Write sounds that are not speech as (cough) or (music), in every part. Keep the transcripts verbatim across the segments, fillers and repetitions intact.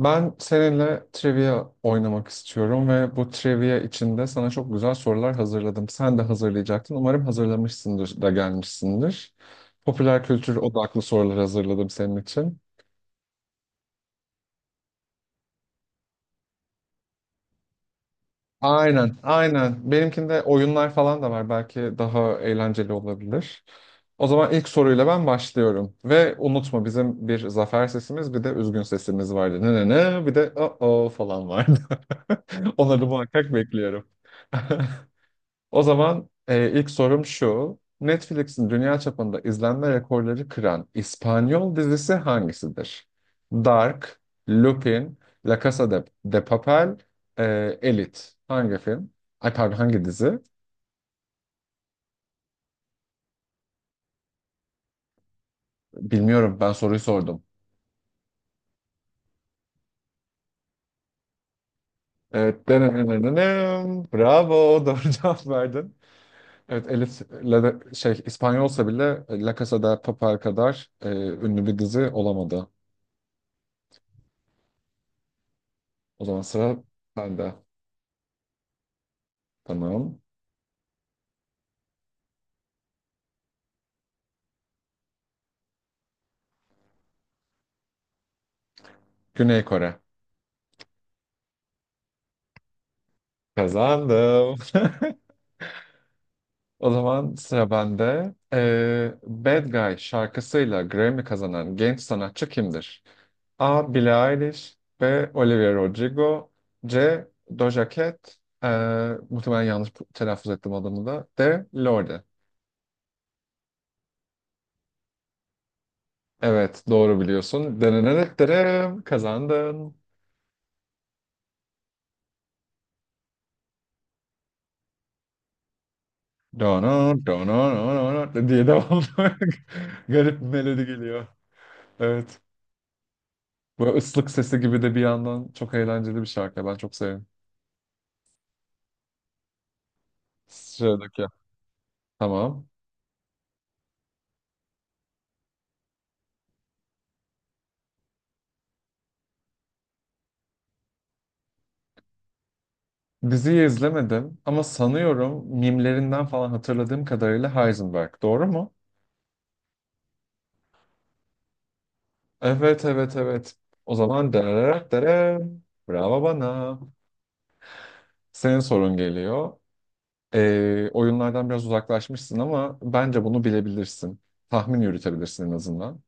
Ben seninle trivia oynamak istiyorum ve bu trivia içinde sana çok güzel sorular hazırladım. Sen de hazırlayacaktın. Umarım hazırlamışsındır da gelmişsindir. Popüler kültür odaklı sorular hazırladım senin için. Aynen, aynen. Benimkinde oyunlar falan da var. Belki daha eğlenceli olabilir. O zaman ilk soruyla ben başlıyorum. Ve unutma bizim bir zafer sesimiz bir de üzgün sesimiz vardı. Ne ne ne bir de o o falan vardı. (laughs) Onları muhakkak bekliyorum. (laughs) O zaman e, ilk sorum şu. Netflix'in dünya çapında izlenme rekorları kıran İspanyol dizisi hangisidir? Dark, Lupin, La Casa de, de Papel, e, Elite. Hangi film? Ay pardon hangi dizi? Bilmiyorum ben soruyu sordum. Evet. Denenenenem. Bravo, (laughs) doğru cevap verdin. Evet, Elite La de- şey İspanyolsa bile e, La Casa de Papel kadar e, ünlü bir dizi olamadı. O zaman sıra bende. Tamam. Güney Kore. Kazandım. (laughs) O zaman sıra bende. Ee, Bad Guy şarkısıyla Grammy kazanan genç sanatçı kimdir? A. Billie Eilish, B. Olivia Rodrigo, C. Doja Cat, ee, muhtemelen yanlış telaffuz ettim adını da. D. Lorde. Evet, doğru biliyorsun. Denenenetlere kazandın. Dono, dono, dono, dono diye devam. (laughs) Garip bir melodi geliyor. Evet. Böyle ıslık sesi gibi de bir yandan çok eğlenceli bir şarkı. Ben çok seviyorum. Sıradaki. Tamam. Diziyi izlemedim ama sanıyorum mimlerinden falan hatırladığım kadarıyla Heisenberg. Doğru mu? Evet, evet, evet. O zaman dararar dararım. Bravo bana. Senin sorun geliyor. Ee, oyunlardan biraz uzaklaşmışsın ama bence bunu bilebilirsin. Tahmin yürütebilirsin en azından.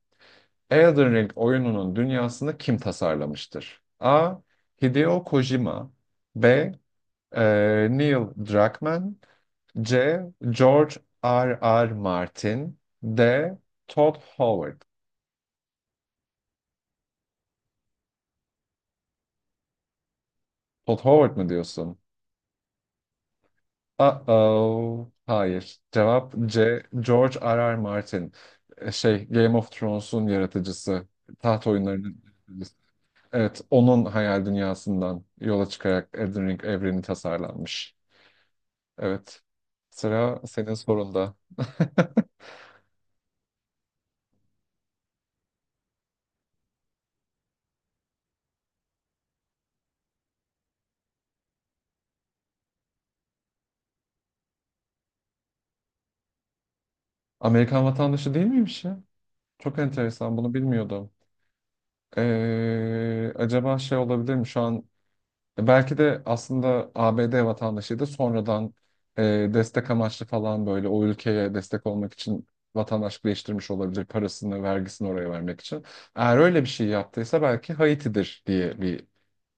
Elden Ring oyununun dünyasını kim tasarlamıştır? A. Hideo Kojima, B. Ee, Neil Druckmann, C. George R. R. Martin, D. Todd Howard. Todd Howard mı diyorsun? Uh-oh. Hayır. Cevap C. George R. R. Martin. Ee, Şey, Game of Thrones'un yaratıcısı. Taht oyunlarının yaratıcısı. Evet, onun hayal dünyasından yola çıkarak Elden Ring evreni tasarlanmış. Evet. Sıra senin sorunda. (laughs) Amerikan vatandaşı değil miymiş ya? Çok enteresan, bunu bilmiyordum. Ee, acaba şey olabilir mi şu an? e, Belki de aslında A B D vatandaşıydı. Sonradan e, destek amaçlı falan böyle o ülkeye destek olmak için vatandaşlık değiştirmiş olabilir. Parasını, vergisini oraya vermek için. Eğer öyle bir şey yaptıysa belki Haiti'dir diye bir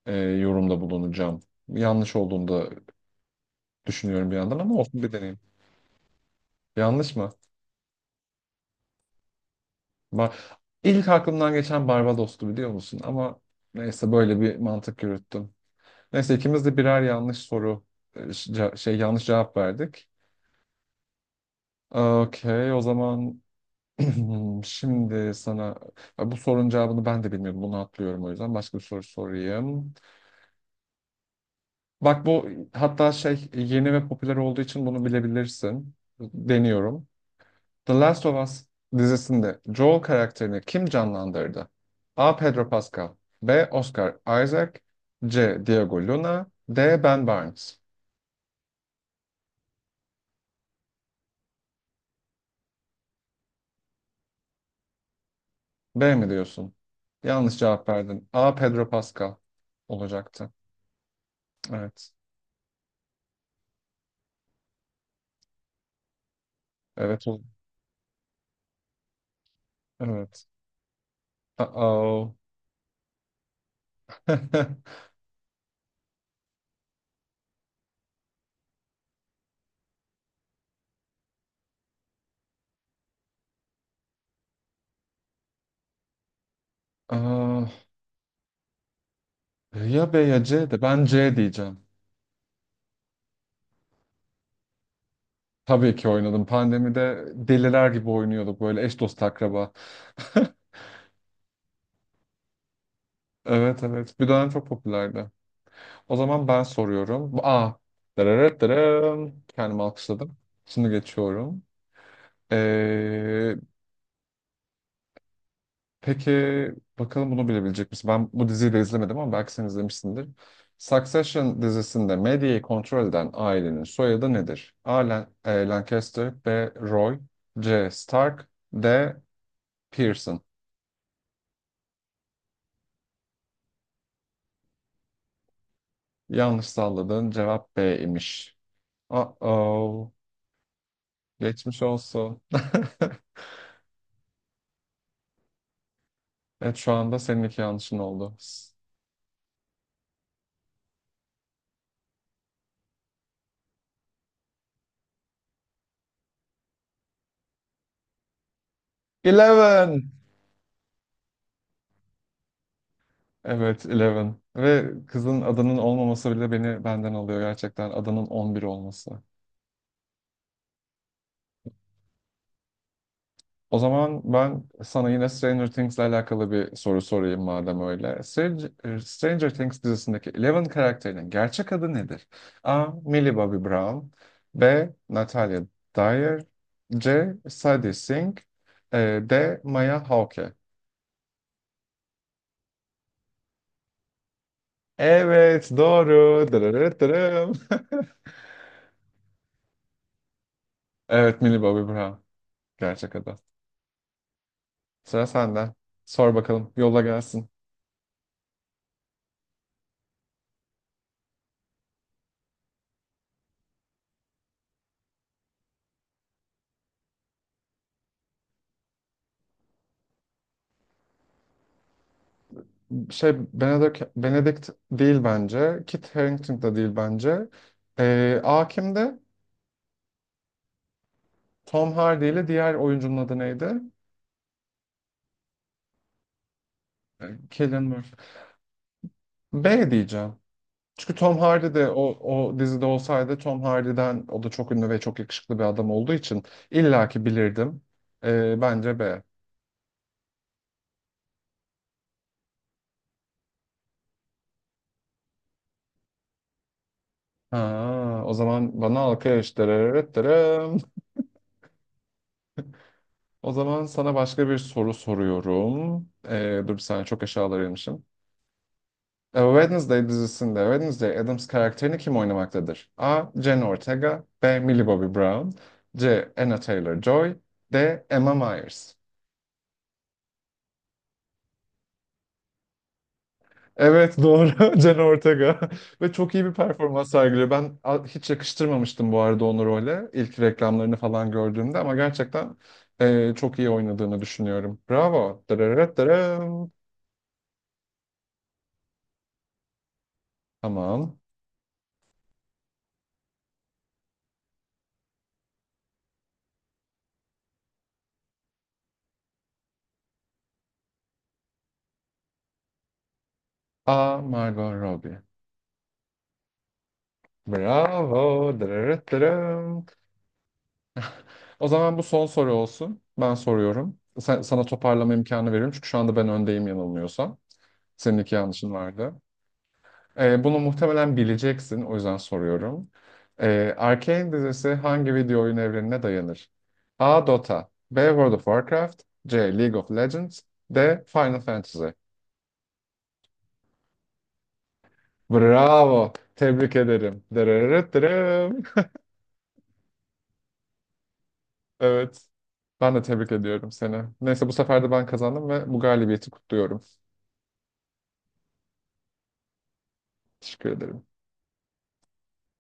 e, yorumda bulunacağım. Yanlış olduğunu da düşünüyorum bir yandan ama olsun bir deneyim. Yanlış mı? Ba- İlk aklımdan geçen Barbados'tu, biliyor musun? Ama neyse böyle bir mantık yürüttüm. Neyse ikimiz de birer yanlış soru e, ce- şey yanlış cevap verdik. Okey, o zaman (clears throat) şimdi sana bu sorunun cevabını ben de bilmiyorum. Bunu atlıyorum, o yüzden başka bir soru sorayım. Bak, bu hatta şey yeni ve popüler olduğu için bunu bilebilirsin. Deniyorum. The Last of Us dizisinde Joel karakterini kim canlandırdı? A. Pedro Pascal, B. Oscar Isaac, C. Diego Luna, D. Ben Barnes. B mi diyorsun? Yanlış cevap verdin. A. Pedro Pascal olacaktı. Evet. Evet. o- Evet. Uh-oh. (laughs) Ah, ya B ya C, de ben C diyeceğim. Tabii ki oynadım. Pandemide deliler gibi oynuyorduk böyle, eş dost akraba. (laughs) Evet, evet. Bir dönem çok popülerdi. O zaman ben soruyorum. A. Dararararam. Kendimi alkışladım. Şimdi geçiyorum. Ee, Peki bakalım bunu bilebilecek misin? Ben bu diziyi de izlemedim ama belki sen izlemişsindir. Succession dizisinde medyayı kontrol eden ailenin soyadı nedir? A. Lan- e, Lancaster, B. Roy, C. Stark, D. Pearson. Yanlış salladığın cevap B imiş. Uh-oh. Geçmiş olsun. (laughs) Evet, şu anda senin iki yanlışın oldu. Eleven. Evet, Eleven. Ve kızın adının olmaması bile beni benden alıyor gerçekten. Adının on bir olması. O zaman ben sana yine Stranger Things'le alakalı bir soru sorayım madem öyle. Stranger, Stranger Things dizisindeki Eleven karakterinin gerçek adı nedir? A. Millie Bobby Brown, B. Natalia Dyer, C. Sadie Sink, e, D. Maya Hawke. Evet doğru. Dırırır dırım. (laughs) Evet, Millie Bobby Brown gerçek adı. Sıra sende. Sor bakalım, yolla gelsin. şey Benedict, Benedict değil bence. Kit Harington da değil bence. Ee, A kimdi? Tom Hardy ile diğer oyuncunun adı neydi? Ee, Cillian Murphy. B diyeceğim. Çünkü Tom Hardy de o, o dizide olsaydı, Tom Hardy'den, o da çok ünlü ve çok yakışıklı bir adam olduğu için illaki bilirdim. Ee, bence B. Ha, o zaman bana alkış. Dırırırt dırım. O zaman sana başka bir soru soruyorum. Ee, dur bir saniye, çok aşağılara inmişim. A Wednesday dizisinde Wednesday Addams karakterini kim oynamaktadır? A. Jenna Ortega, B. Millie Bobby Brown, C. Anna Taylor-Joy, D. Emma Myers. Evet doğru. (laughs) Jenna Ortega (laughs) ve çok iyi bir performans sergiliyor. Ben a- hiç yakıştırmamıştım bu arada onu role ilk reklamlarını falan gördüğümde ama gerçekten e, çok iyi oynadığını düşünüyorum. Bravo. Dırırırt dırım. Tamam. A. Margot Robbie. Bravo. Dırırırt dırım. O zaman bu son soru olsun. Ben soruyorum. Sen- sana toparlama imkanı veriyorum. Çünkü şu anda ben öndeyim yanılmıyorsam. Senin iki yanlışın vardı. Ee, bunu muhtemelen bileceksin. O yüzden soruyorum. Ee, Arcane dizisi hangi video oyun evrenine dayanır? A. Dota, B. World of Warcraft, C. League of Legends, D. Final Fantasy. Bravo. Tebrik ederim. Dırırırırım. (laughs) Evet. Ben de tebrik ediyorum seni. Neyse, bu sefer de ben kazandım ve bu galibiyeti kutluyorum. Teşekkür ederim.